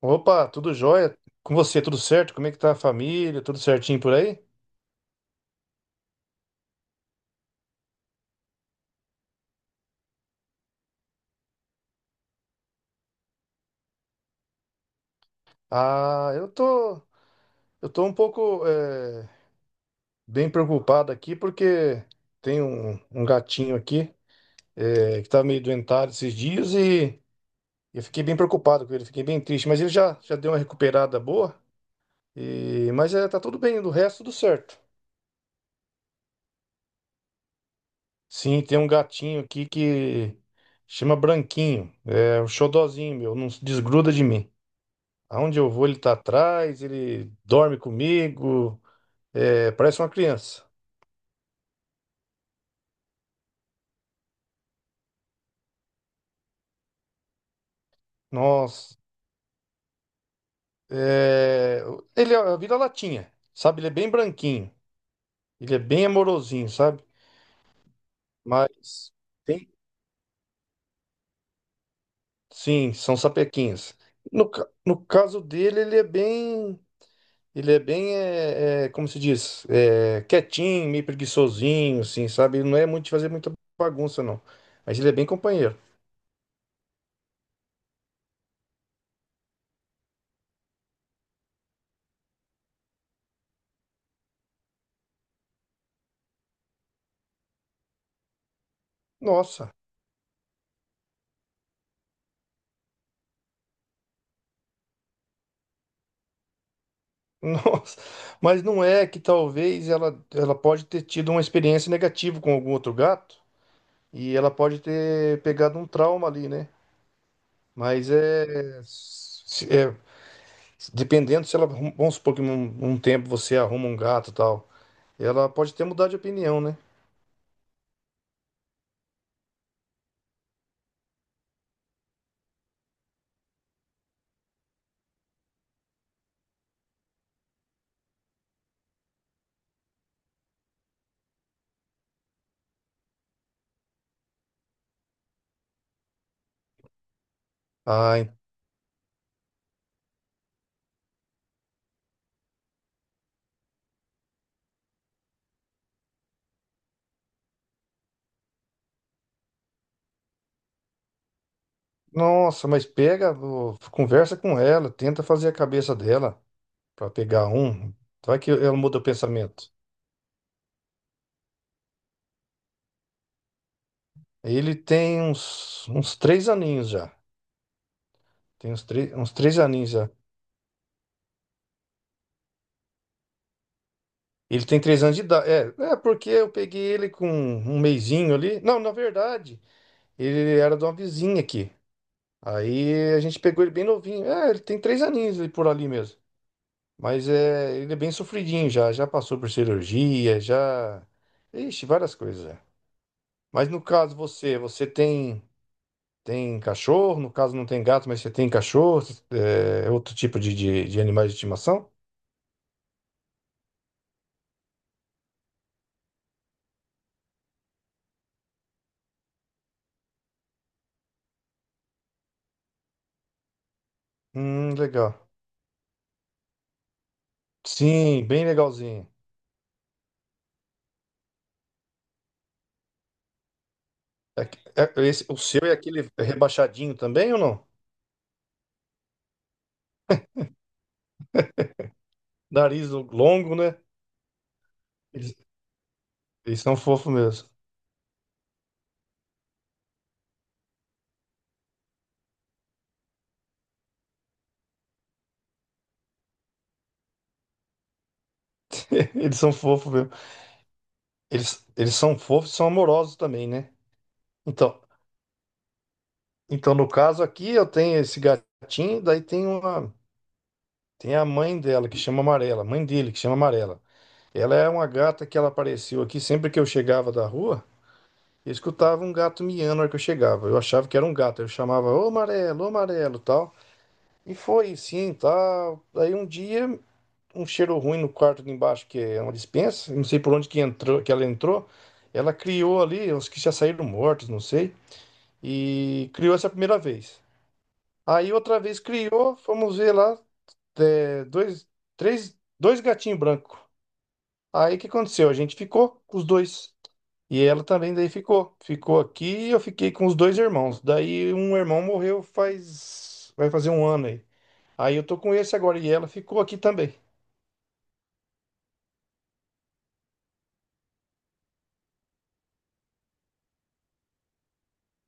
Opa, tudo jóia? Com você, tudo certo? Como é que tá a família? Tudo certinho por aí? Ah, eu tô um pouco bem preocupado aqui porque tem um gatinho aqui que tá meio doentado esses dias e eu fiquei bem preocupado com ele, fiquei bem triste, mas ele já, já deu uma recuperada boa, e, mas tá tudo bem, do resto tudo certo. Sim, tem um gatinho aqui que chama Branquinho, é um xodozinho meu, não se desgruda de mim. Aonde eu vou, ele tá atrás, ele dorme comigo, é, parece uma criança. Nossa. É, vira latinha, sabe? Ele é bem branquinho, ele é bem amorosinho, sabe? Mas tem, sim, são sapequinhos. No caso dele, ele é bem, como se diz, quietinho, meio preguiçosinho, assim, sabe? Ele não é muito de fazer muita bagunça, não. Mas ele é bem companheiro. Nossa. Nossa, mas não é que talvez ela pode ter tido uma experiência negativa com algum outro gato e ela pode ter pegado um trauma ali, né? Mas dependendo se ela, arrum- vamos supor que um tempo você arruma um gato e tal, ela pode ter mudado de opinião, né? Ai, nossa, mas pega, ô, conversa com ela, tenta fazer a cabeça dela pra pegar um, vai que ela muda o pensamento. Ele tem uns 3 aninhos já. Tem uns três aninhos já. Ele tem 3 anos de idade. É, é porque eu peguei ele com um mesinho ali. Não, na verdade, ele era de uma vizinha aqui. Aí a gente pegou ele bem novinho. É, ele tem 3 aninhos ali por ali mesmo. Mas é, ele é bem sofridinho já. Já passou por cirurgia, já. Ixi, várias coisas já. Mas no caso você, você tem tem cachorro? No caso não tem gato, mas você tem cachorro? É, outro tipo de, de animais de estimação? Legal. Sim, bem legalzinho. É, que- é- o seu é aquele rebaixadinho também ou não? Nariz longo, né? Eles, eles são fofos mesmo. Eles são fofos mesmo. Eles são fofos e são amorosos também, né? Então, então, no caso aqui, eu tenho esse gatinho, daí tem uma, tem a mãe dela, que chama Amarela, a mãe dele, que chama Amarela. Ela é uma gata que ela apareceu aqui, sempre que eu chegava da rua, eu escutava um gato miando na hora que eu chegava. Eu achava que era um gato, eu chamava, ô Amarelo, tal. E foi sim, tal. Aí um dia um cheiro ruim no quarto de embaixo, que é uma despensa. Eu não sei por onde que entrou, que ela entrou. Ela criou ali, os que já saíram mortos, não sei, e criou essa primeira vez. Aí outra vez criou, fomos ver lá, é, dois, três, dois gatinhos brancos. Aí o que aconteceu? A gente ficou com os dois. E ela também daí ficou. Ficou aqui e eu fiquei com os dois irmãos. Daí um irmão morreu faz... vai fazer um ano aí. Aí eu tô com esse agora e ela ficou aqui também.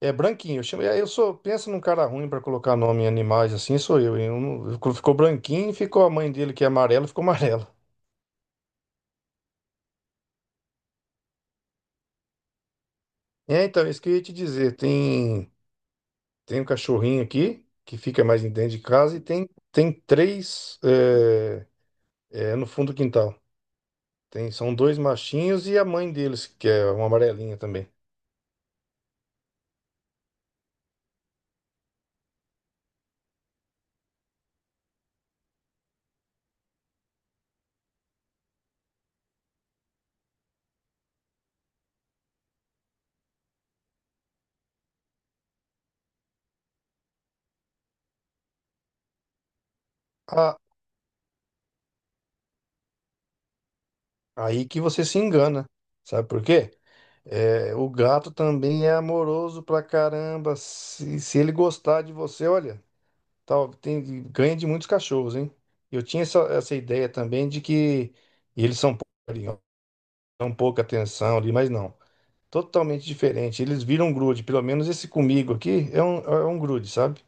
É branquinho. Eu chamo- eu sou, pensa num cara ruim pra colocar nome em animais, assim sou eu, hein? Eu não- ficou branquinho, ficou a mãe dele que é amarela, ficou amarela. É, então, isso que eu ia te dizer. Tem um cachorrinho aqui que fica mais dentro de casa e tem, tem três é, é, no fundo do quintal. Tem, são dois machinhos e a mãe deles, que é uma amarelinha também. Ah, aí que você se engana. Sabe por quê? É, o gato também é amoroso pra caramba. Se ele gostar de você, olha. Tal, tem, ganha de muitos cachorros, hein? Eu tinha essa ideia também de que eles são poucos, dão pouca atenção ali, mas não. Totalmente diferente. Eles viram um grude. Pelo menos esse comigo aqui é um, grude, sabe?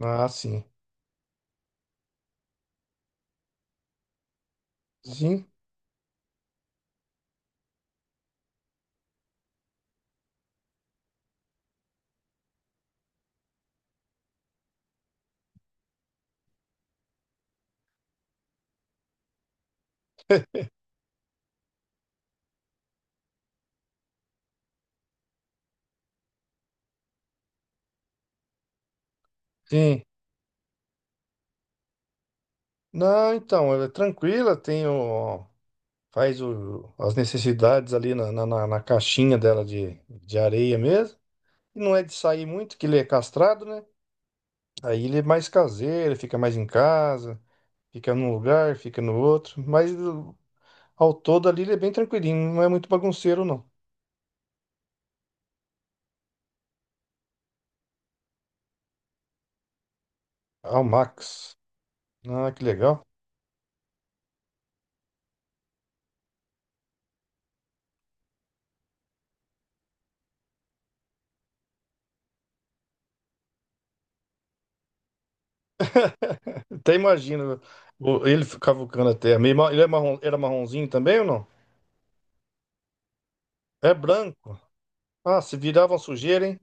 Ah, sim. Sim, sim. Não, então, ela é tranquila, tem o, faz o, as necessidades ali na, na, na caixinha dela de areia mesmo. E não é de sair muito, que ele é castrado, né? Aí ele é mais caseiro, fica mais em casa. Fica num lugar, fica no outro. Ao todo ali ele é bem tranquilinho, não é muito bagunceiro, não. Ah, o Max. Ah, que legal. Até imagino ele cavucando a terra. Meio ma- Ele é marrom, era marronzinho também ou não? É branco. Ah, se virava uma sujeira, hein?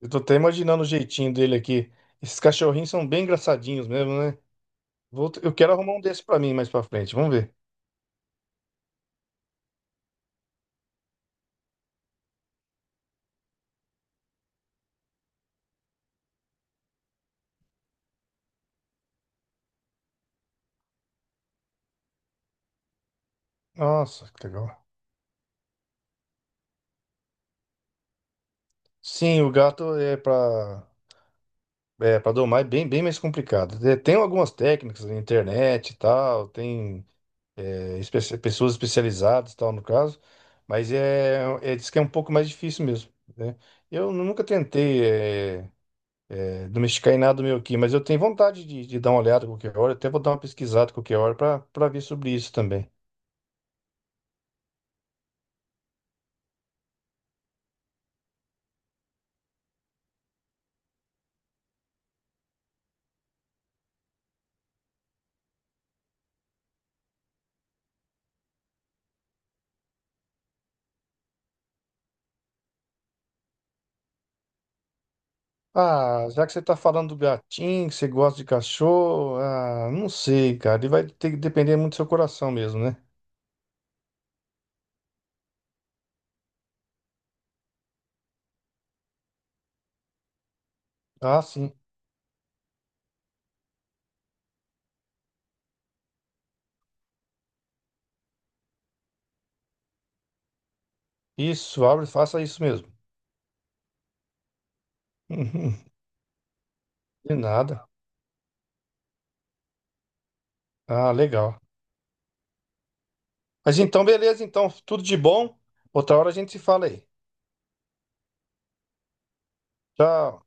Eu tô até imaginando o jeitinho dele aqui. Esses cachorrinhos são bem engraçadinhos mesmo, né? Vou t- eu quero arrumar um desse pra mim mais pra frente. Vamos ver. Nossa, que legal. Sim, o gato é pra. É, para domar é bem, bem mais complicado. Tem algumas técnicas na internet e tal, tem pessoas especializadas e tal no caso, mas é, é, diz que é um pouco mais difícil mesmo, né? Eu nunca tentei domesticar em nada meu aqui, mas eu tenho vontade de dar uma olhada qualquer hora, até vou dar uma pesquisada qualquer hora para ver sobre isso também. Ah, já que você tá falando do gatinho, que você gosta de cachorro, ah, não sei, cara, ele vai ter que depender muito do seu coração mesmo, né? Ah, sim. Isso, abre, faça isso mesmo. Uhum, de nada. Ah, legal. Mas então, beleza, então, tudo de bom. Outra hora a gente se fala aí. Tchau.